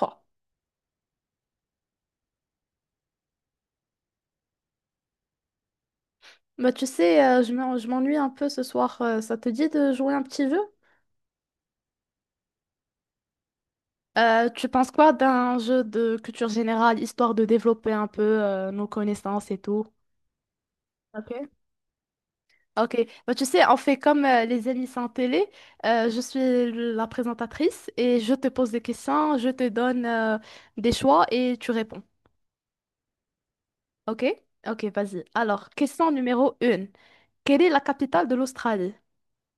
Oh. Bah, tu sais, je m'ennuie un peu ce soir. Ça te dit de jouer un petit jeu? Tu penses quoi d'un jeu de culture générale, histoire de développer un peu nos connaissances et tout? Ok. Ok. Bah, tu sais, on fait comme les émissions télé. Je suis la présentatrice et je te pose des questions, je te donne des choix et tu réponds. Ok? Ok, vas-y. Alors, question numéro 1. Quelle est la capitale de l'Australie?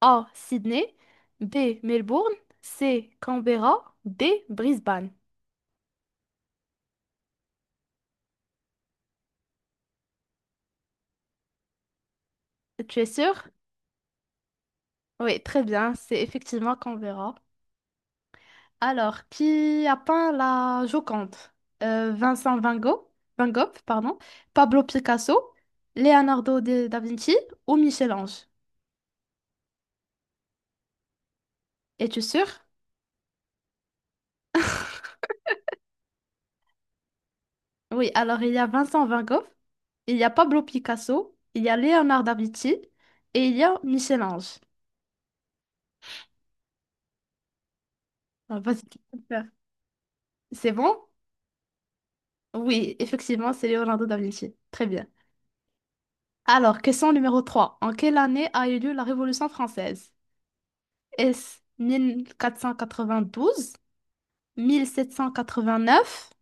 A. Sydney. B. Melbourne. C. Canberra. D. Brisbane. Tu es sûr? Oui, très bien. C'est effectivement Canberra. Alors, qui a peint la Joconde? Vincent Van Gogh, Van Gogh, pardon, Pablo Picasso, Leonardo da Vinci ou Michel-Ange? Es-tu sûr? Oui, alors il y a Vincent Van Gogh, il y a Pablo Picasso, il y a Leonardo da Vinci et il y a Michel-Ange. Ah, vas-y, tu peux le faire. C'est bon? Oui, effectivement, c'est Leonardo da Vinci. Très bien. Alors, question numéro 3. En quelle année a eu lieu la Révolution française? Est-ce 1492, 1789,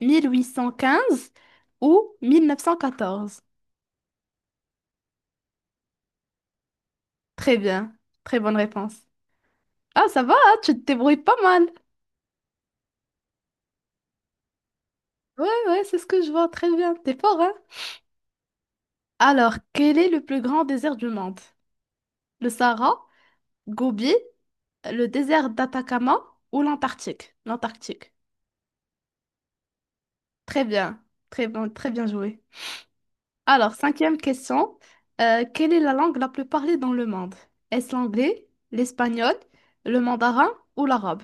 1815 ou 1914? Très bien. Très bonne réponse. Ah, ça va, hein, tu te débrouilles pas mal. Ouais, ouais, c'est ce que je vois. Très bien. T'es fort, hein? Alors, quel est le plus grand désert du monde? Le Sahara, Gobi, le désert d'Atacama ou l'Antarctique? L'Antarctique. Très bien, très bon, très bien joué. Alors, cinquième question. Quelle est la langue la plus parlée dans le monde? Est-ce l'anglais, l'espagnol, le mandarin ou l'arabe?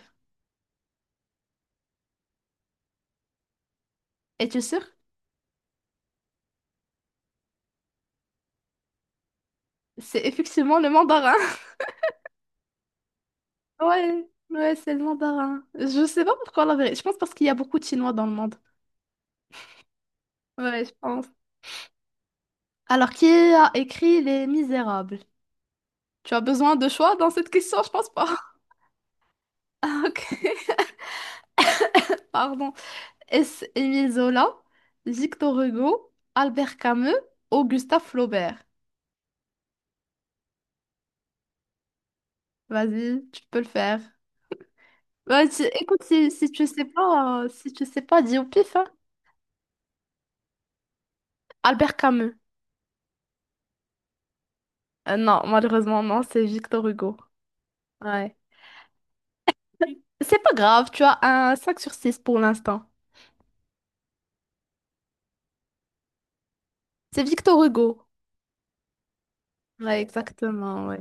Es-tu sûr? C'est effectivement le mandarin. Ouais, ouais, c'est le mandarin. Je sais pas pourquoi la vérité. Je pense parce qu'il y a beaucoup de Chinois dans le monde. Ouais, je pense. Alors, qui a écrit Les Misérables? Tu as besoin de choix dans cette question? Je pense pas. Ah, ok. Pardon. Est-ce Émile Zola, Victor Hugo, Albert Camus ou Gustave Flaubert? Vas-y, tu peux le faire. Ouais, écoute, si tu sais pas, si tu sais pas, dis au pif, hein. Albert Camus. Non, malheureusement, non, c'est Victor Hugo. Ouais. C'est pas grave, tu as un 5/6 pour l'instant. C'est Victor Hugo. Ouais, exactement, ouais.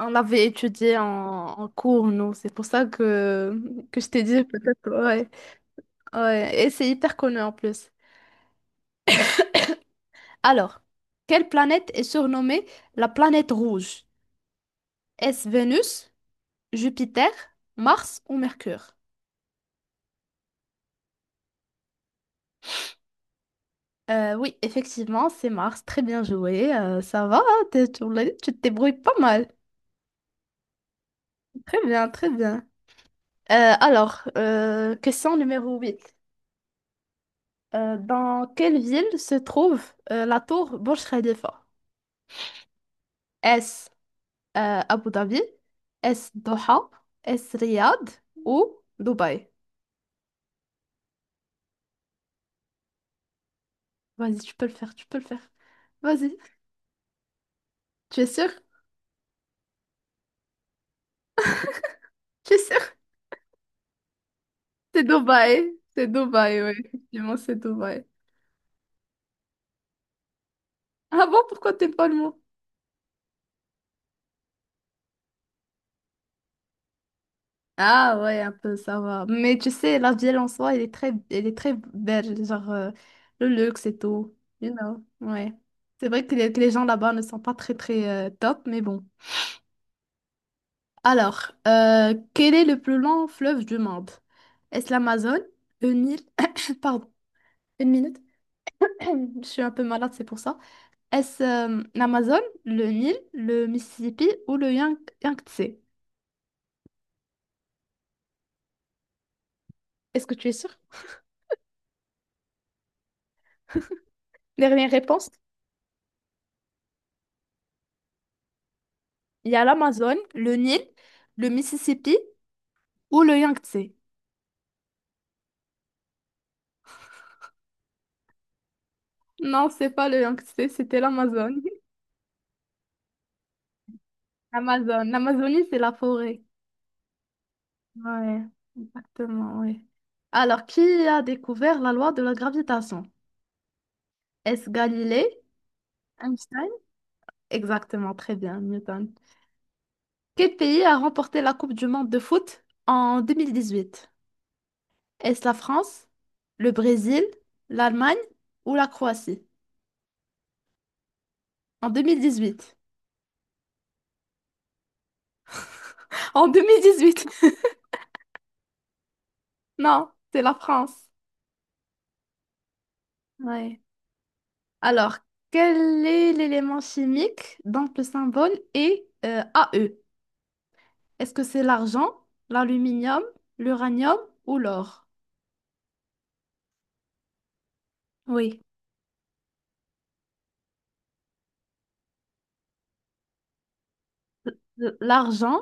On l'avait étudié en cours, nous. C'est pour ça que je t'ai dit peut-être, ouais. Ouais, et c'est hyper connu en plus. Alors, quelle planète est surnommée la planète rouge? Est-ce Vénus, Jupiter, Mars ou Mercure? Oui, effectivement, c'est Mars. Très bien joué. Ça va, hein, tu te débrouilles pas mal. Très bien, très bien. Alors, question numéro 8. Dans quelle ville se trouve la tour Burj Khalifa? Est-ce Abu Dhabi? Est-ce Doha? Est-ce Riyad ou Dubaï? Vas-y, tu peux le faire, tu peux le faire. Vas-y. Tu es sûr? Tu es sûr? C'est Dubaï. C'est Dubaï, oui. Effectivement, c'est Dubaï. Ah bon, pourquoi t'es pas le mot? Ah ouais, un peu, ça va. Mais tu sais, la ville en soi, elle est très belle. Genre, le luxe et tout. You know, ouais. C'est vrai que les gens là-bas ne sont pas très, très top, mais bon. Alors, quel est le plus long fleuve du monde? Est-ce l'Amazone? Une île? Pardon, une minute. Je suis un peu malade, c'est pour ça. Est-ce l'Amazon, le Nil, le Mississippi ou le Yangtze? Est-ce que tu es sûr? Dernière réponse. Il y a l'Amazon, le Nil, le Mississippi ou le Yangtze. Non, c'est pas le Yangtze, c'était l'Amazon. L'Amazon. L'Amazonie, c'est la forêt. Ouais, exactement, oui. Alors, qui a découvert la loi de la gravitation? Est-ce Galilée? Einstein? Exactement, très bien, Newton. Quel pays a remporté la Coupe du monde de foot en 2018? Est-ce la France, le Brésil, l'Allemagne ou la Croatie? En 2018. En 2018. Non, c'est la France. Ouais. Alors, quel est l'élément chimique dont le symbole est AE? Est-ce que c'est l'argent, l'aluminium, l'uranium ou l'or? Oui. L'argent,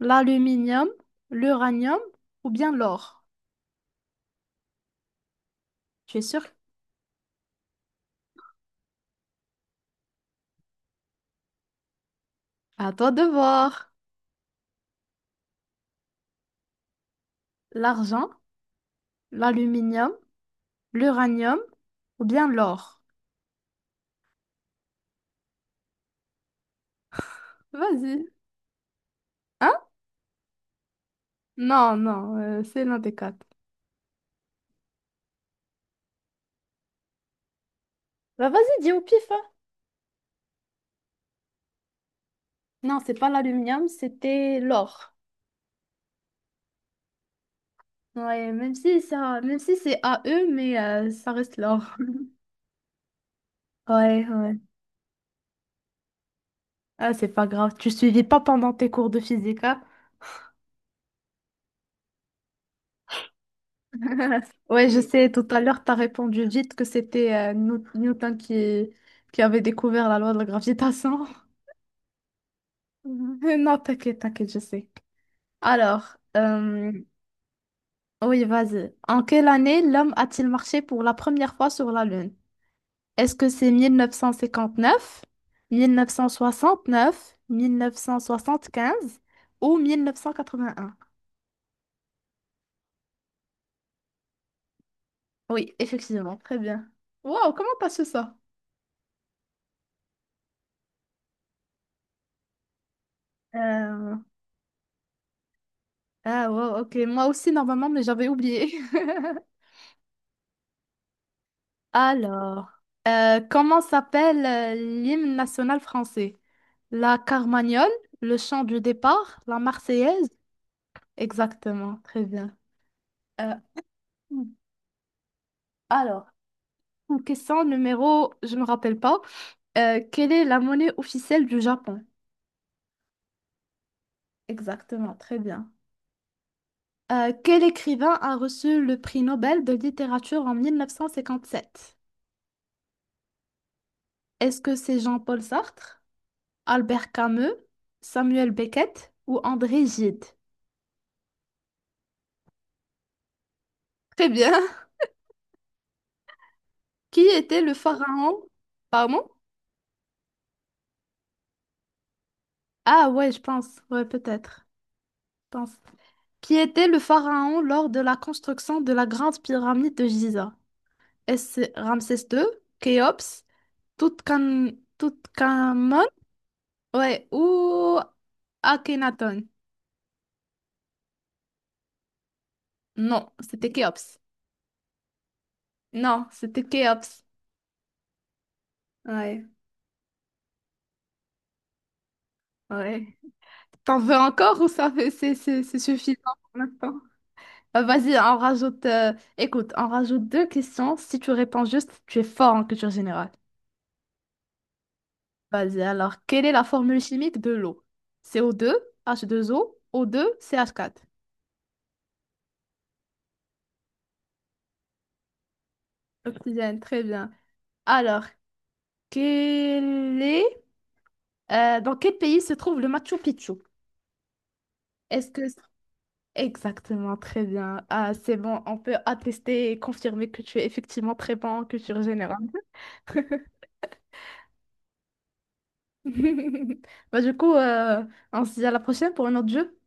l'aluminium, l'uranium ou bien l'or? Tu es sûr? À toi de voir. L'argent, l'aluminium, l'uranium ou bien l'or? Vas-y. Hein? Non, non, c'est l'un des quatre. Bah vas-y, dis au pif, hein. Non, c'est pas l'aluminium, c'était l'or. Ouais, même si c'est AE, mais ça reste l'or. Ouais, ouais. Ah, c'est pas grave. Tu suivais pas pendant tes cours de physique, hein? Ouais, je sais, tout à l'heure, t'as répondu vite que c'était Newton qui avait découvert la loi de la gravitation. Non, t'inquiète, t'inquiète, je sais. Alors, oui, vas-y. En quelle année l'homme a-t-il marché pour la première fois sur la Lune? Est-ce que c'est 1959, 1969, mille neuf cent soixante-quinze ou 1981? Oui, effectivement, très bien. Wow, comment t'as su ça? Euh, Ah, wow, ok. Moi aussi, normalement, mais j'avais oublié. Alors, comment s'appelle l'hymne national français? La Carmagnole, le chant du départ, la Marseillaise? Exactement, très bien. Euh, alors, question numéro, je me rappelle pas. Quelle est la monnaie officielle du Japon? Exactement, très bien. Quel écrivain a reçu le prix Nobel de littérature en 1957? Est-ce que c'est Jean-Paul Sartre, Albert Camus, Samuel Beckett ou André Gide? Très bien. Qui était le pharaon? Pardon? Ah ouais, je pense. Ouais, peut-être. Je pense. Qui était le pharaon lors de la construction de la grande pyramide de Gizeh? S Ramsès II, Khéops, Toutankhamon, ouais, ou Akhenaton. Non, c'était Khéops. Non, c'était Khéops. Ouais, ouais. T'en veux encore ou c'est suffisant pour l'instant? Vas-y, on rajoute. Écoute, on rajoute deux questions. Si tu réponds juste, tu es fort en culture générale. Vas-y, alors, quelle est la formule chimique de l'eau? CO2, H2O, O2, CH4. Oxygène, très bien. Alors, Quel est, dans quel pays se trouve le Machu Picchu? Est-ce que... Exactement, très bien. Ah, c'est bon, on peut attester et confirmer que tu es effectivement très bon en culture générale. Bah, du coup, on se dit à la prochaine pour un autre jeu.